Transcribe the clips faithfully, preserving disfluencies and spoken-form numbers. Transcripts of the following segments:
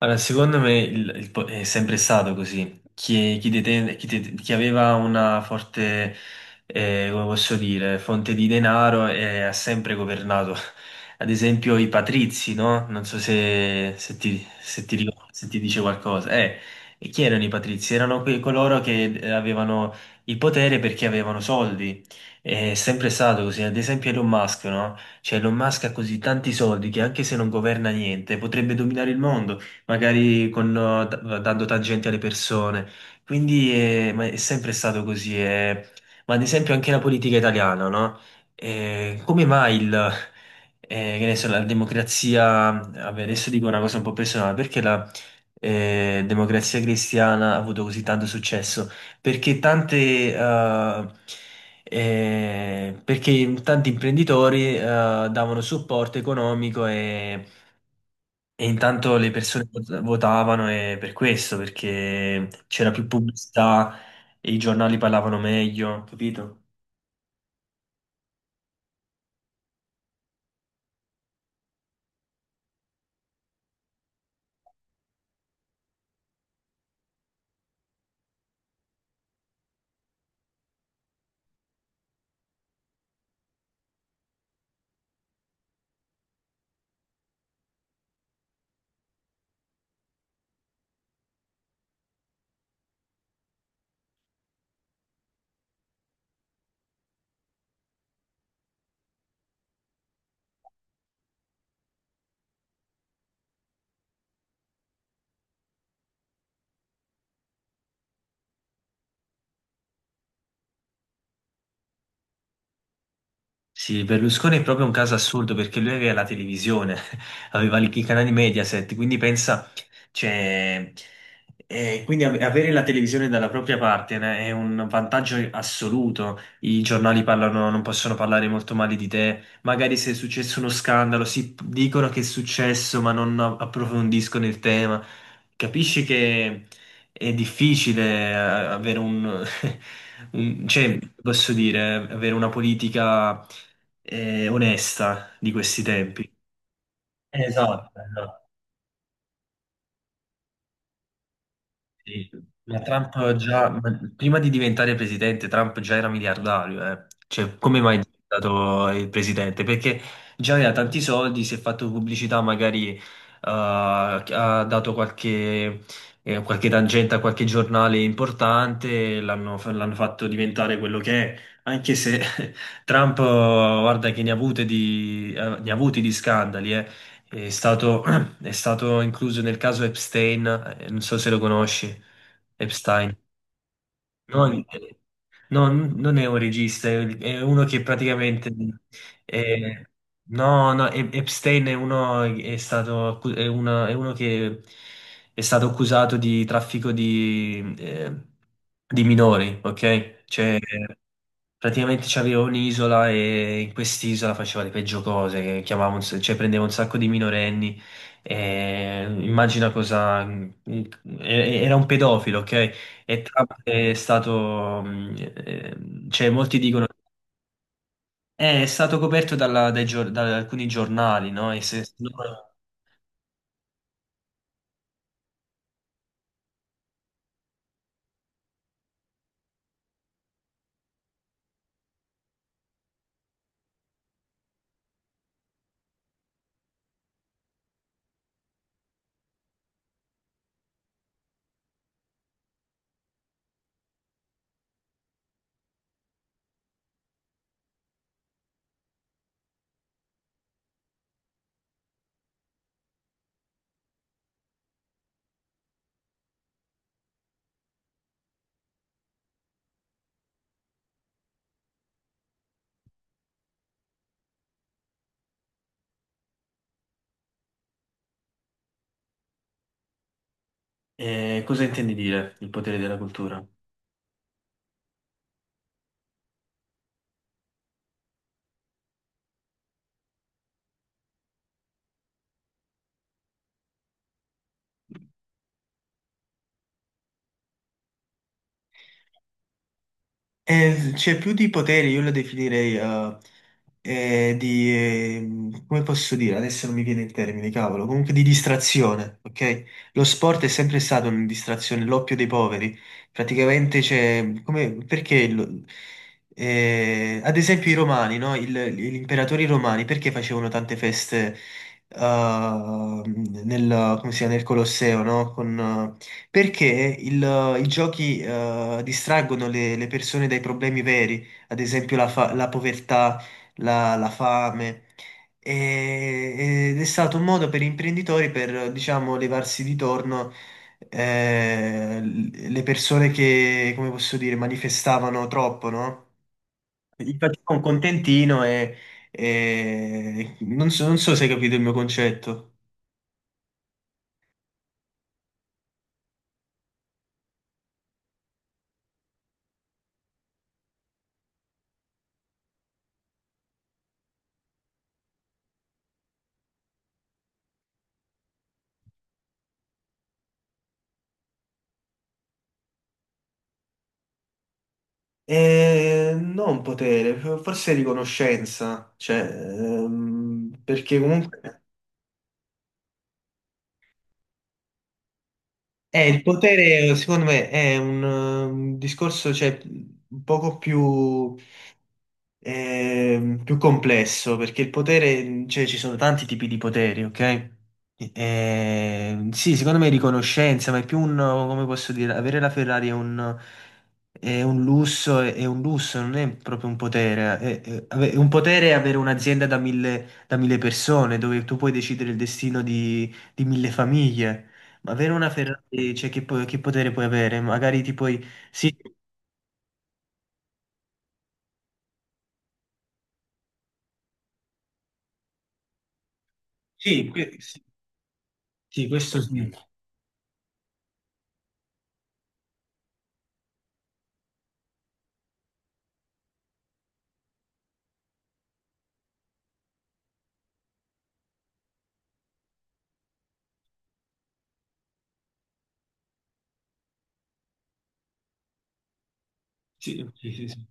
Allora, secondo me il- il po- è sempre stato così. Chi, chi deten- chi det- chi aveva una forte, eh, come posso dire, fonte di denaro eh, ha sempre governato. Ad esempio i patrizi, no? Non so se, se ti, se ti ricor- se ti dice qualcosa. Eh, e chi erano i patrizi? Erano quei coloro che eh, avevano il potere perché avevano soldi. È sempre stato così. Ad esempio Elon Musk, no? Cioè Elon Musk ha così tanti soldi che anche se non governa niente potrebbe dominare il mondo magari con, eh, da- dando tangenti alle persone. Quindi eh, ma è sempre stato così. Eh. Ma ad esempio anche la politica italiana, no? Eh, come mai il, eh, Che ne so, la democrazia, vabbè, adesso dico una cosa un po' personale, perché la eh, democrazia cristiana ha avuto così tanto successo? Perché tante, eh, eh, Perché tanti imprenditori eh, davano supporto economico e e intanto le persone vot- votavano e per questo, perché c'era più pubblicità e i giornali parlavano meglio, capito? Sì, Berlusconi è proprio un caso assurdo perché lui aveva la televisione, aveva i i canali Mediaset, quindi pensa, cioè, eh, quindi ave- avere la televisione dalla propria parte né, è un vantaggio assoluto. I giornali parlano, non possono parlare molto male di te. Magari se è successo uno scandalo, si p- dicono che è successo, ma non approfondiscono il tema. Capisci che. È difficile eh, avere un, un- cioè, posso dire, avere una politica eh, onesta di questi tempi. Esatto, esatto. Sì, ma Trump già, ma prima di diventare presidente, Trump già era miliardario, eh. Cioè, come mai è diventato il presidente? Perché già aveva tanti soldi, si è fatto pubblicità, magari eh, ha dato qualche, eh, qualche tangente a qualche giornale importante, l'hanno l'hanno fatto diventare quello che è, anche se Trump, eh, guarda che ne ha avute di, eh, ne ha avuti di scandali, eh. È stato è stato incluso nel caso Epstein, eh, non so se lo conosci, Epstein. Non, no, non è un regista, è è uno che praticamente... eh, no, no, E- Epstein è uno, è stato, accu- è una- è uno che è stato accusato di traffico di, eh, di minori, ok? Cioè, praticamente c'avevo un'isola e in quest'isola faceva le peggio cose, che chiamava un s- cioè prendeva un sacco di minorenni e immagina cosa... e- Era un pedofilo, ok? E Trump è stato... mh, eh, cioè molti dicono... "Eh, è stato coperto dalla- dai gior- da alcuni giornali, no? E se- no, eh, cosa intendi dire, il potere della cultura? Eh, c'è più di potere, io lo definirei eh, eh, di... ehm, come posso dire? Adesso non mi viene il termine, cavolo. Comunque di distrazione, ok? Lo sport è sempre stato una distrazione, l'oppio dei poveri. Praticamente c'è... Come, perché... lo- eh, ad esempio i romani, no? Il- gli imperatori romani, perché facevano tante feste eh, nel, come si chiama, nel Colosseo, no? Con, perché il- i giochi eh, distraggono le, le persone dai problemi veri, ad esempio la, fa- la povertà, la, la fame, E- ed è stato un modo per gli imprenditori per, diciamo, levarsi di torno eh, le persone che, come posso dire, manifestavano troppo, no? Gli facevano un contentino e, e- non so, non so se hai capito il mio concetto. Eh, non potere, forse riconoscenza, cioè, ehm, perché comunque eh, il potere secondo me è un, eh, un discorso cioè, un poco più eh, più complesso perché il potere, cioè ci sono tanti tipi di poteri, ok? Eh, sì, secondo me è riconoscenza, ma è più un, come posso dire, avere la Ferrari è un, è un lusso, è, è un lusso, non è proprio un potere. È, è- ave- un potere è avere un'azienda da mille, da mille persone dove tu puoi decidere il destino di, di mille famiglie. Ma avere una Ferrari, cioè che, po- che potere puoi avere? Magari ti puoi... Sì, sì, que- sì, sì, questo sì. Sì, sì, sì, sì.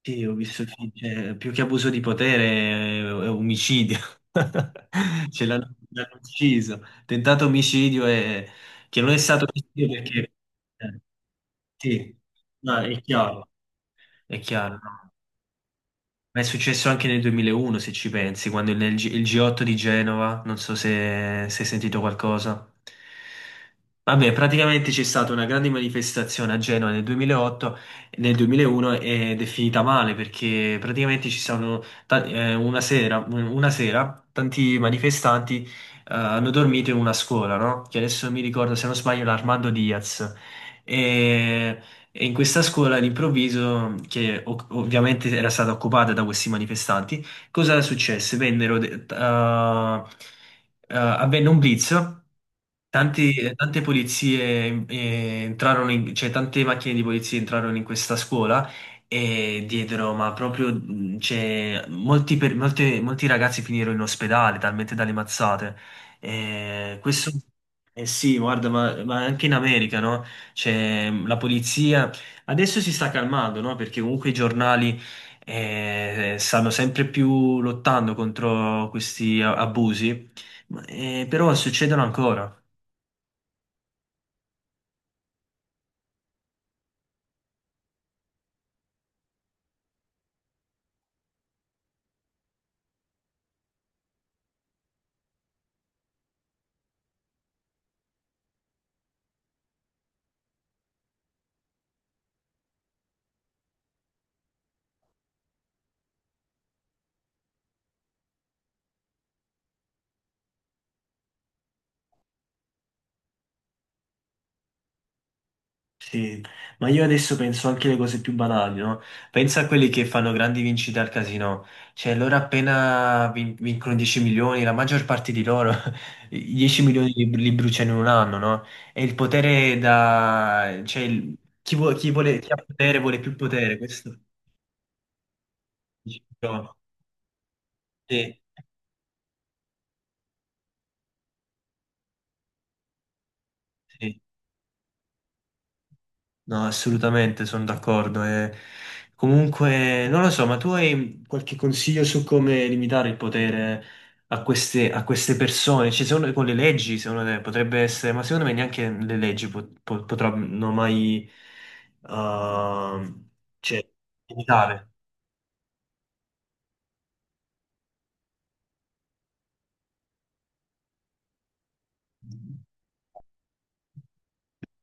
Sì, ho visto che c'è- più che abuso di potere è, è omicidio. Ce l'hanno l'hanno ucciso. Tentato omicidio è, che non è stato omicidio perché... eh, sì, no, è chiaro, è chiaro. No. Ma è successo anche nel duemilauno, se ci pensi, quando nel G- il G otto di Genova, non so se, se hai sentito qualcosa. Vabbè, praticamente c'è stata una grande manifestazione a Genova nel duemilaotto, nel duemilauno ed è finita male perché praticamente ci sono ta- eh, una sera, una sera tanti manifestanti eh, hanno dormito in una scuola, no? Che adesso mi ricordo, se non sbaglio, l'Armando Diaz. E e in questa scuola all'improvviso, che o- ovviamente era stata occupata da questi manifestanti, cosa successe? Vennero, de- t- ah, ah, avvenne un blitz. Tanti- tante polizie eh, entrarono in- cioè tante macchine di polizia entrarono in questa scuola e diedero, ma proprio, mh, cioè, molti, per- molte- molti ragazzi finirono in ospedale, talmente dalle mazzate. Eh, questo, eh sì, guarda, ma, ma anche in America, no? C'è mm, la polizia. Adesso si sta calmando, no? Perché comunque i giornali eh, stanno sempre più lottando contro questi a- abusi, ma, eh, però succedono ancora. Sì, ma io adesso penso anche alle cose più banali, no? Pensa a quelli che fanno grandi vincite al casino, cioè loro appena vin- vincono dieci milioni, la maggior parte di loro i dieci milioni li, li bruciano in un anno, no? E il potere da... cioè il- chi, vuo- chi vuole, chi ha potere vuole più potere, questo diciamo, sì, sì. No, assolutamente, sono d'accordo. E comunque, non lo so, ma tu hai qualche consiglio su come limitare il potere a queste, a queste persone? Cioè, secondo, con le leggi, secondo te, potrebbe essere, ma secondo me neanche le leggi po- po- potranno mai, ehm, cioè, limitare.